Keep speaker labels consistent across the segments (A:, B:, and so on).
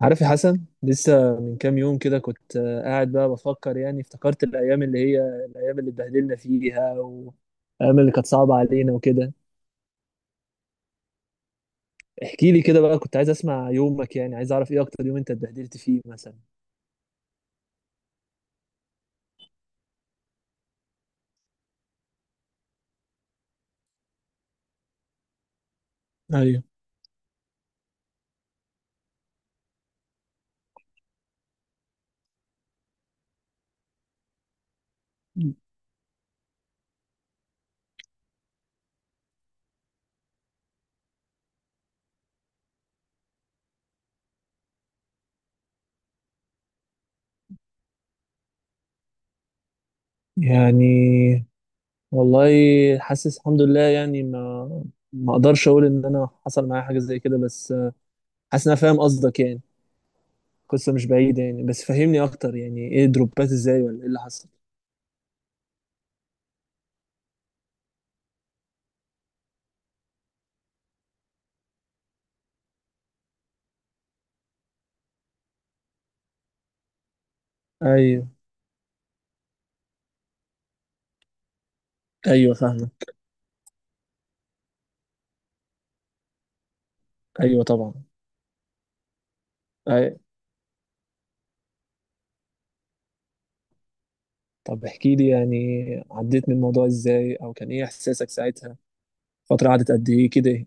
A: عارف يا حسن، لسه من كام يوم كده كنت قاعد بقى بفكر. يعني افتكرت الأيام اللي اتبهدلنا فيها، والأيام اللي كانت صعبة علينا وكده. احكي لي كده بقى، كنت عايز أسمع يومك. يعني عايز أعرف إيه أكتر يوم أنت اتبهدلت فيه مثلا. ايوه. يعني والله، حاسس الحمد لله يعني. ما أقدرش أقول إن أنا حصل معايا حاجة زي كده، بس حاسس إن أنا فاهم قصدك يعني. قصة مش بعيدة يعني، بس فهمني أكتر يعني إيه دروبات؟ إزاي؟ ولا إيه اللي حصل؟ أيوه. أيوه فاهمك. أيوه طبعا. أي. طب احكي لي يعني، عديت من الموضوع ازاي؟ او كان ايه احساسك ساعتها؟ فترة قعدت قد ايه كده؟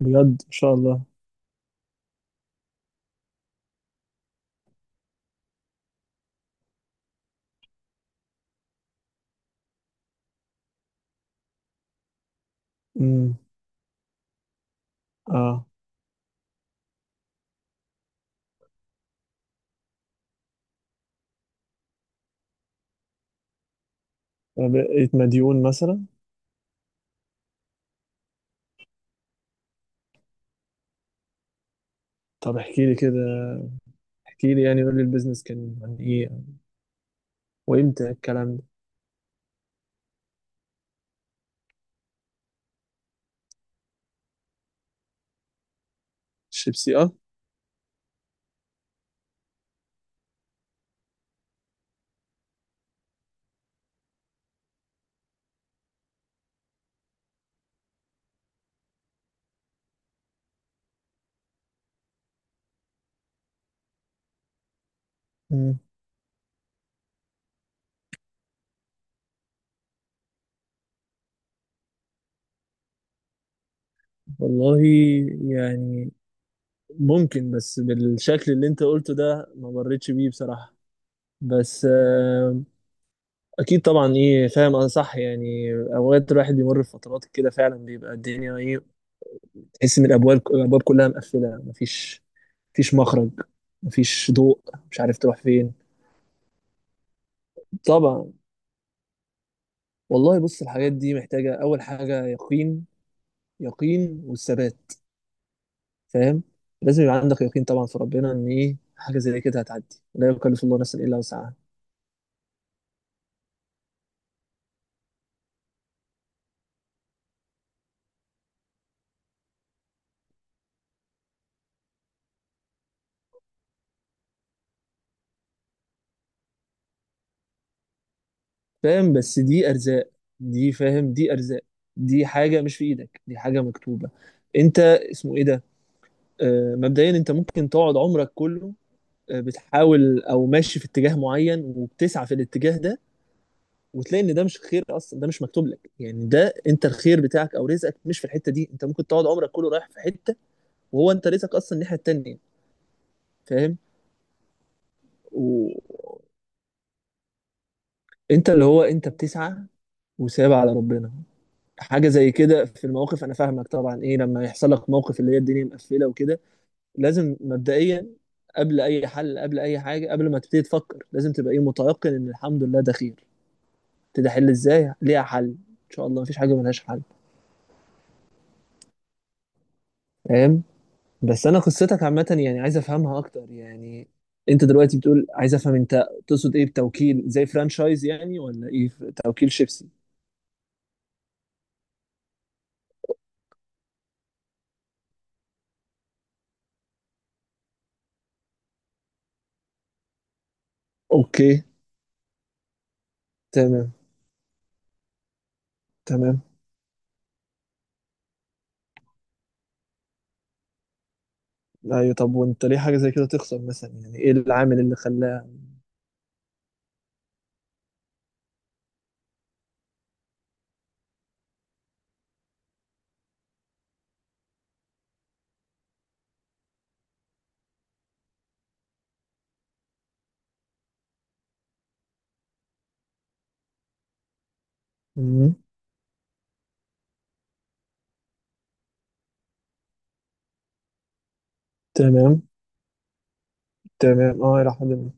A: بجد ان شاء الله. امم. اه. أنا بقيت مديون مثلا؟ طب احكي لي كده، احكي لي يعني قول لي البيزنس كان عن ايه؟ وامتى الكلام ده؟ الشيبسي، اه. امم. والله يعني، ممكن، بس بالشكل اللي انت قلته ده ما مريتش بيه بصراحة. بس اكيد طبعا ايه، فاهم انا صح. يعني اوقات الواحد بيمر في فترات كده، فعلا بيبقى الدنيا ايه، تحس ان الابواب كلها مقفله، مفيش مخرج، مفيش ضوء، مش عارف تروح فين. طبعا. والله بص، الحاجات دي محتاجه اول حاجه يقين. يقين والثبات. فاهم. لازم يبقى عندك يقين، طبعا في ربنا، ان ايه حاجه زي كده هتعدي. لا يكلف الله نفسا الا وسعها. فاهم، بس دي ارزاق، دي فاهم دي ارزاق. دي حاجه مش في ايدك، دي حاجه مكتوبه. انت اسمه ايه ده؟ مبدئيا انت ممكن تقعد عمرك كله بتحاول، او ماشي في اتجاه معين وبتسعى في الاتجاه ده، وتلاقي ان ده مش خير اصلا، ده مش مكتوب لك. يعني ده انت الخير بتاعك او رزقك مش في الحته دي، انت ممكن تقعد عمرك كله رايح في حته، وهو انت رزقك اصلا الناحيه التانيه. فاهم. وانت اللي هو انت بتسعى وسايب على ربنا. حاجه زي كده في المواقف، انا فاهمك طبعا ايه. لما يحصل لك موقف اللي هي الدنيا مقفله وكده، لازم مبدئيا قبل اي حل، قبل اي حاجه، قبل ما تبتدي تفكر، لازم تبقى ايه متيقن ان الحمد لله ده خير. قلت ده حل ازاي؟ ليها حل ان شاء الله، مفيش حاجه ملهاش حل. فاهم. بس انا قصتك عامه يعني، عايز افهمها اكتر يعني. انت دلوقتي بتقول، عايز افهم انت تقصد ايه بتوكيل؟ زي فرانشايز يعني ولا ايه؟ توكيل شيبسي؟ اوكي. تمام. تمام. ايوه. طب وانت ليه حاجه زي كده تخسر مثلا؟ يعني ايه العامل اللي خلاها؟ مم. تمام. تمام اه الى حد ما.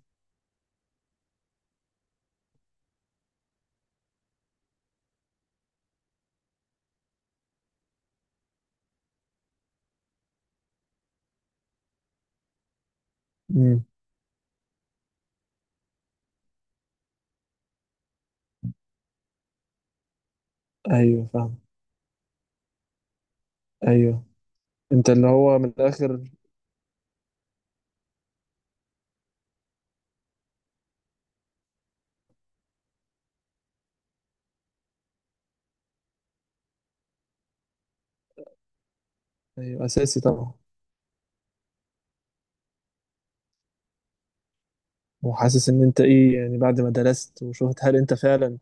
A: مم. ايوه فاهم. ايوه. انت اللي هو من الاخر. ايوه اساسي طبعا. وحاسس ان انت ايه يعني؟ بعد ما درست وشفت، هل انت فعلا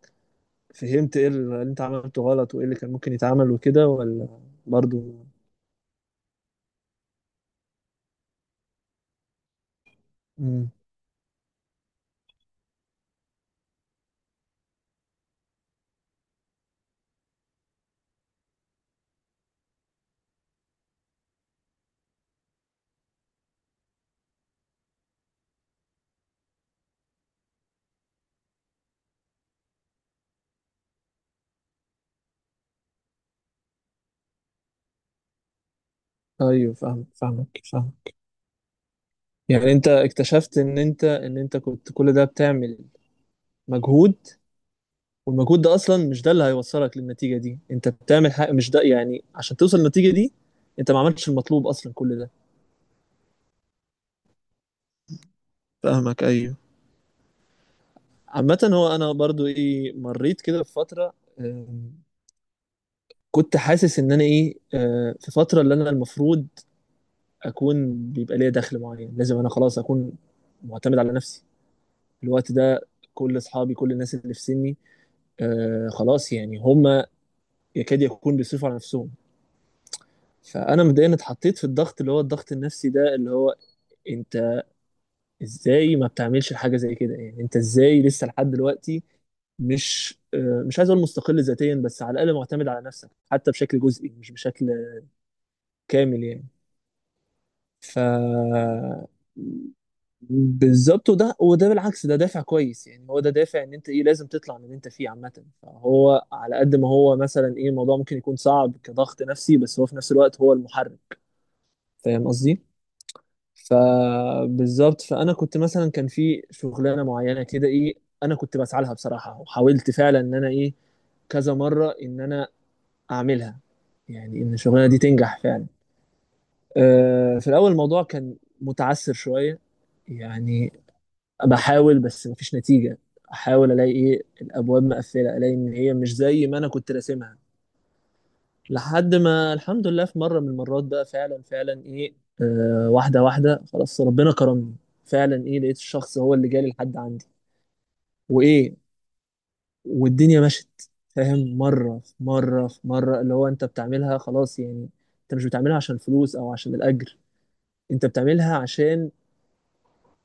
A: فهمت ايه اللي انت عملته غلط، وايه اللي كان ممكن يتعمل وكده ولا؟ برضو. امم. ايوه فاهم فاهمك فاهم. يعني انت اكتشفت ان انت كنت كل ده بتعمل مجهود، والمجهود ده اصلا مش ده اللي هيوصلك للنتيجة دي، انت بتعمل حاجة مش ده يعني عشان توصل للنتيجة دي. انت ما عملتش المطلوب اصلا كل ده. فاهمك ايوه. عامة هو انا برضو ايه، مريت كده بفترة. آم، كنت حاسس ان انا ايه، في فترة اللي انا المفروض اكون بيبقى ليا دخل معين، لازم انا خلاص اكون معتمد على نفسي الوقت ده. كل اصحابي، كل الناس اللي في سني، خلاص يعني هم يكاد يكون بيصرفوا على نفسهم. فانا مبدئيا اتحطيت في الضغط، اللي هو الضغط النفسي ده، اللي هو انت ازاي ما بتعملش حاجه زي كده يعني؟ انت ازاي لسه لحد دلوقتي مش عايز اقول مستقل ذاتيا، بس على الاقل معتمد على نفسك حتى بشكل جزئي مش بشكل كامل يعني. ف بالظبط. وده بالعكس، ده دافع كويس يعني. هو ده دافع ان انت ايه لازم تطلع من اللي انت فيه عامه. فهو على قد ما هو مثلا ايه الموضوع ممكن يكون صعب كضغط نفسي، بس هو في نفس الوقت هو المحرك. فاهم قصدي؟ فبالظبط. فانا كنت مثلا كان في شغلانه معينه كده ايه، انا كنت بسعى لها بصراحه، وحاولت فعلا ان انا ايه كذا مره ان انا اعملها، يعني ان الشغلانه دي تنجح فعلا. أه في الاول الموضوع كان متعثر شويه يعني، بحاول بس مفيش نتيجة. احاول الاقي ايه الابواب مقفلة، الاقي ان هي مش زي ما انا كنت راسمها. لحد ما الحمد لله في مرة من المرات بقى فعلا، فعلا ايه واحدة واحدة خلاص، ربنا كرمني. فعلا ايه لقيت الشخص هو اللي جالي لحد عندي وايه، والدنيا مشت. فاهم، مرة في مرة في مرة، اللي هو انت بتعملها خلاص يعني. انت مش بتعملها عشان فلوس او عشان الاجر، انت بتعملها عشان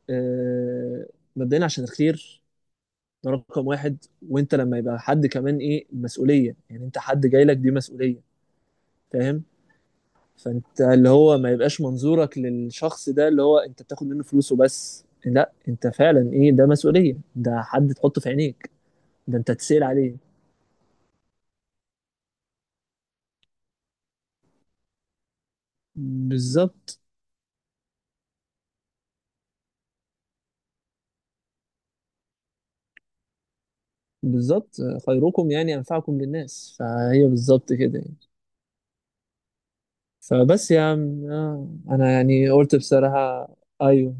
A: آه مبدئيا عشان الخير. ده رقم واحد. وانت لما يبقى حد كمان ايه مسؤولية يعني، انت حد جاي لك دي مسؤولية. فاهم. فانت اللي هو ما يبقاش منظورك للشخص ده اللي هو انت بتاخد منه فلوسه بس، لا انت فعلا ايه ده مسؤولية، ده حد تحطه في عينيك، ده انت تسأل عليه. بالظبط بالظبط. خيركم يعني أنفعكم للناس، فهي بالظبط كده يعني. فبس يا عم، انا يعني قلت بصراحة. ايوه.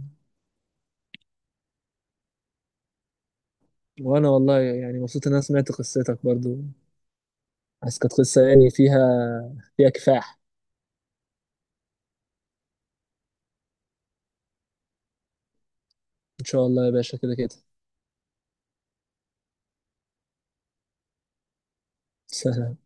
A: وانا والله يعني مبسوط ان انا سمعت قصتك برضو، بس كانت قصة يعني فيها، فيها كفاح. إن شاء الله يا باشا، كده كده سهلة.